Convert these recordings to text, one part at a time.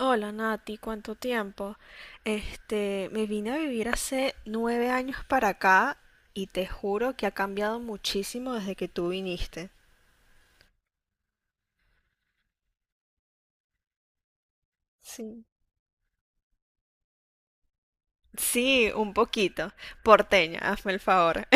Hola Nati, ¿cuánto tiempo? Me vine a vivir hace 9 años para acá y te juro que ha cambiado muchísimo desde que tú viniste. Sí. Sí, un poquito. Porteña, hazme el favor.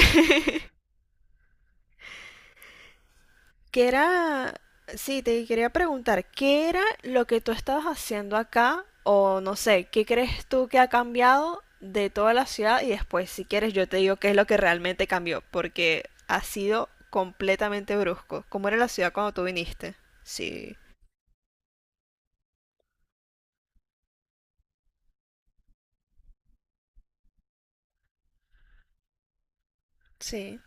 ¿Qué era? Sí, te quería preguntar, ¿qué era lo que tú estabas haciendo acá? O no sé, ¿qué crees tú que ha cambiado de toda la ciudad? Y después, si quieres, yo te digo qué es lo que realmente cambió, porque ha sido completamente brusco. ¿Cómo era la ciudad cuando tú viniste? Sí, sí.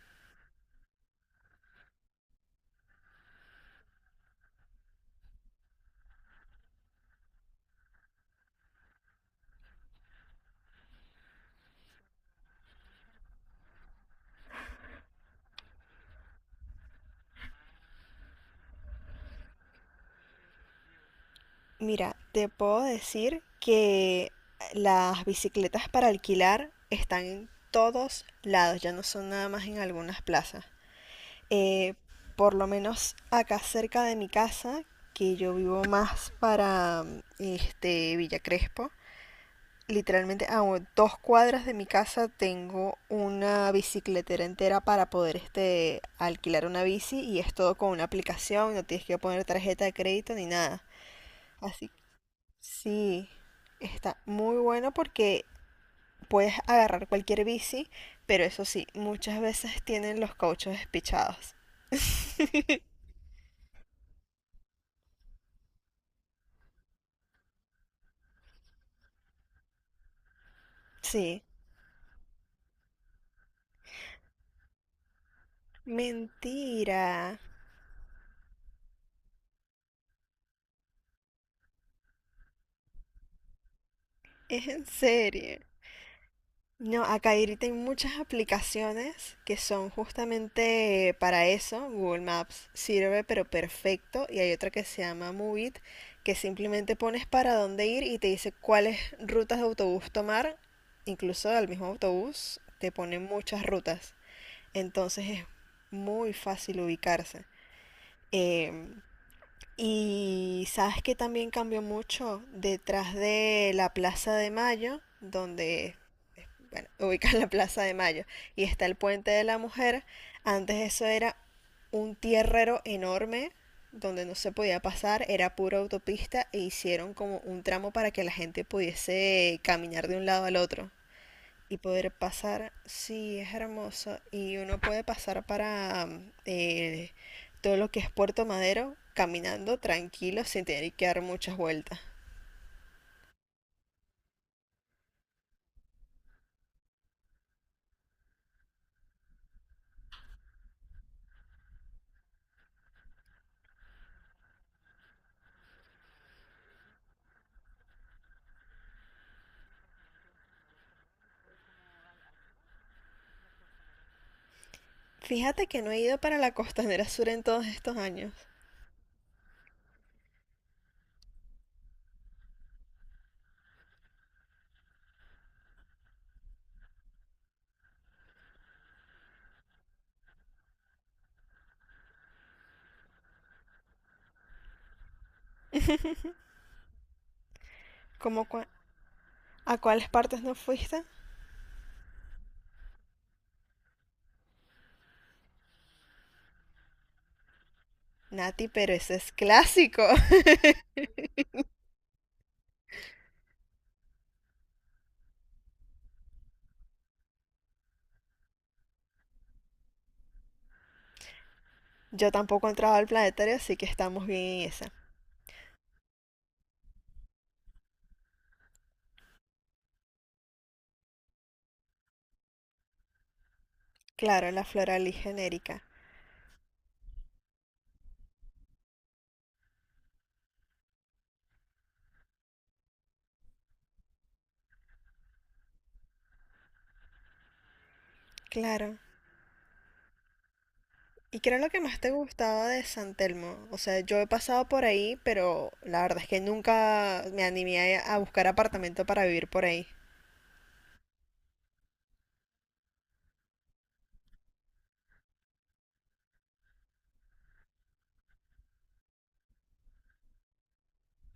Mira, te puedo decir que las bicicletas para alquilar están en todos lados, ya no son nada más en algunas plazas. eh, por lo menos acá cerca de mi casa, que yo vivo más para Villa Crespo. Literalmente a 2 cuadras de mi casa tengo una bicicletera entera para poder alquilar una bici y es todo con una aplicación, no tienes que poner tarjeta de crédito ni nada. Así que sí, está muy bueno porque puedes agarrar cualquier bici, pero eso sí, muchas veces tienen los cauchos despichados. Sí. Mentira, es en serio. No, acá ahorita hay muchas aplicaciones que son justamente para eso. Google Maps sirve, pero perfecto. Y hay otra que se llama Move It, que simplemente pones para dónde ir y te dice cuáles rutas de autobús tomar. Incluso al mismo autobús te ponen muchas rutas. Entonces es muy fácil ubicarse. Em, Y sabes que también cambió mucho detrás de la Plaza de Mayo, donde, bueno, ubican la Plaza de Mayo, y está el Puente de la Mujer. Antes eso era un tierrero enorme donde no se podía pasar, era pura autopista e hicieron como un tramo para que la gente pudiese caminar de un lado al otro y poder pasar, sí, es hermoso. Y uno puede pasar para todo lo que es Puerto Madero caminando tranquilo sin tener que dar muchas vueltas. Fíjate que no he ido para la Costanera Sur en todos estos años. ¿Cómo cua- ¿A cuáles partes no fuiste? Nati, pero ese es clásico. Yo tampoco he entrado al planetario, así que estamos bien en esa. Claro, la floral y genérica. Claro, ¿y qué era lo que más te gustaba de San Telmo? O sea, yo he pasado por ahí, pero la verdad es que nunca me animé a buscar apartamento para vivir por ahí.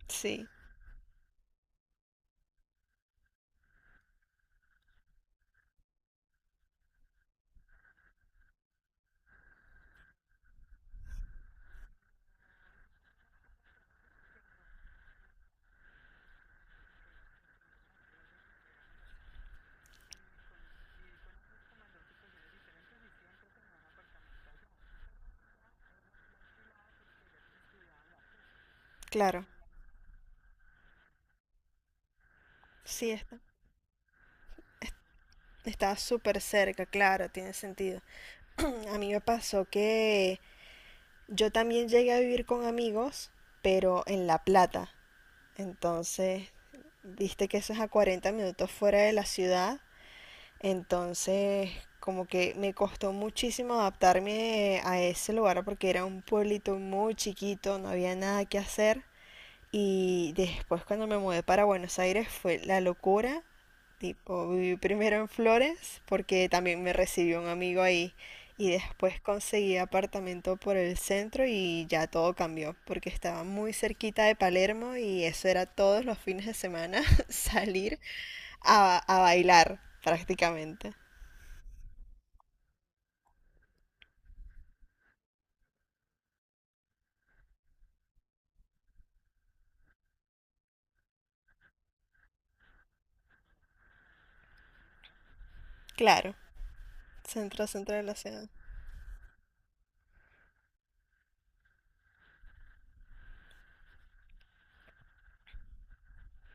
Sí, claro. Sí, está. Estaba súper cerca, claro, tiene sentido. A mí me pasó que yo también llegué a vivir con amigos, pero en La Plata. Entonces, viste que eso es a 40 minutos fuera de la ciudad. Entonces, como que me costó muchísimo adaptarme a ese lugar porque era un pueblito muy chiquito, no había nada que hacer. Y después cuando me mudé para Buenos Aires fue la locura. Tipo, viví primero en Flores porque también me recibió un amigo ahí. Y después conseguí apartamento por el centro y ya todo cambió porque estaba muy cerquita de Palermo y eso era todos los fines de semana salir a bailar prácticamente. Claro, centro, centro de la ciudad.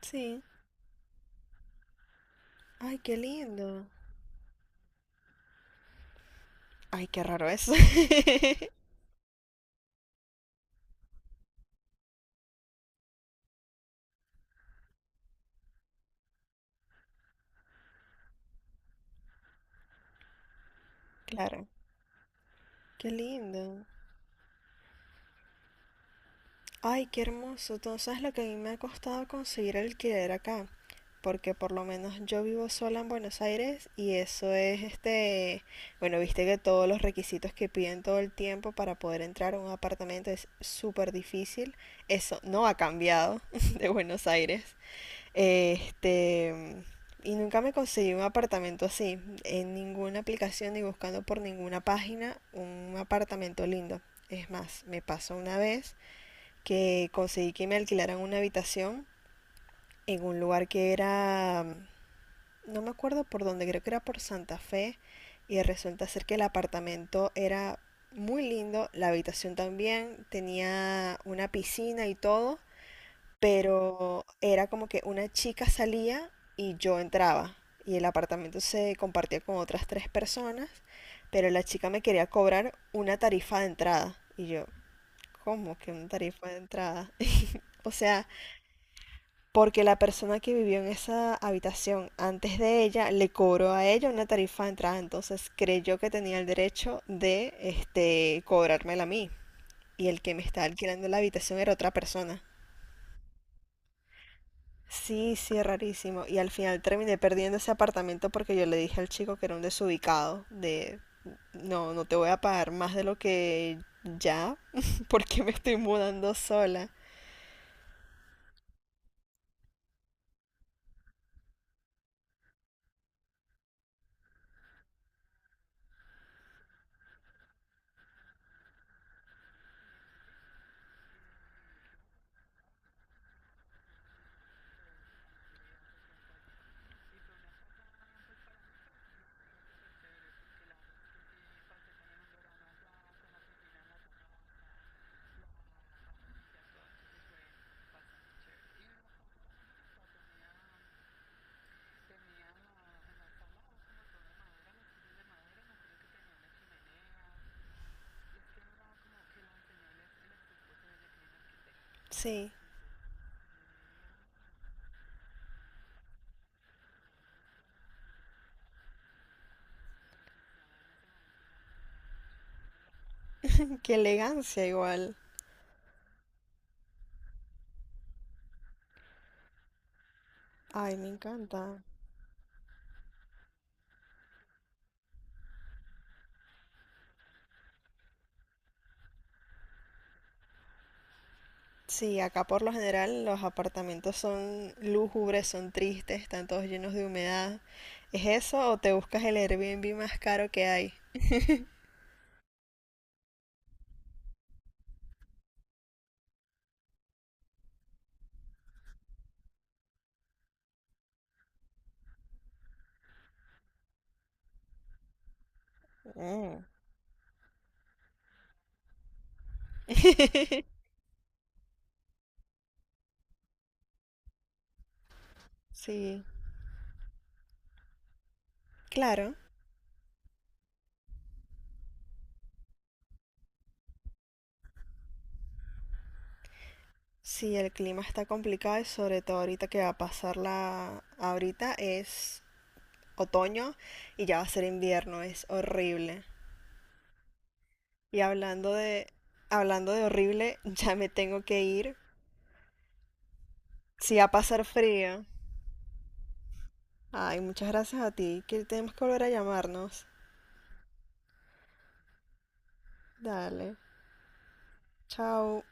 Sí. Ay, qué lindo. Ay, qué raro eso. Claro, qué lindo. Ay, qué hermoso. Entonces, lo que a mí me ha costado conseguir alquiler acá, porque por lo menos yo vivo sola en Buenos Aires y eso es bueno, viste que todos los requisitos que piden todo el tiempo para poder entrar a un apartamento es súper difícil. Eso no ha cambiado de Buenos Aires. Este, y nunca me conseguí un apartamento así, en ninguna aplicación ni buscando por ninguna página un apartamento lindo. Es más, me pasó una vez que conseguí que me alquilaran una habitación en un lugar que era, no me acuerdo por dónde, creo que era por Santa Fe, y resulta ser que el apartamento era muy lindo, la habitación también, tenía una piscina y todo, pero era como que una chica salía y yo entraba y el apartamento se compartía con otras 3 personas, pero la chica me quería cobrar una tarifa de entrada y yo, ¿cómo que una tarifa de entrada? O sea, porque la persona que vivió en esa habitación antes de ella le cobró a ella una tarifa de entrada, entonces creyó que tenía el derecho de cobrármela a mí. Y el que me está alquilando la habitación era otra persona. Sí, sí, rarísimo. Y al final terminé perdiendo ese apartamento porque yo le dije al chico que era un desubicado, de no, no te voy a pagar más de lo que ya, porque me estoy mudando sola. Sí, qué elegancia igual. Ay, me encanta. Sí, acá por lo general los apartamentos son lúgubres, son tristes, están todos llenos de humedad. ¿Es eso o te buscas el Airbnb más caro que hay? Mm. Sí, claro. Sí, el clima está complicado y sobre todo ahorita que va a pasar la... Ahorita es otoño y ya va a ser invierno, es horrible. Y hablando de... Hablando de horrible, ya me tengo que ir. Sí, va a pasar frío. Ay, muchas gracias a ti, que tenemos que volver a llamarnos. Dale, chao.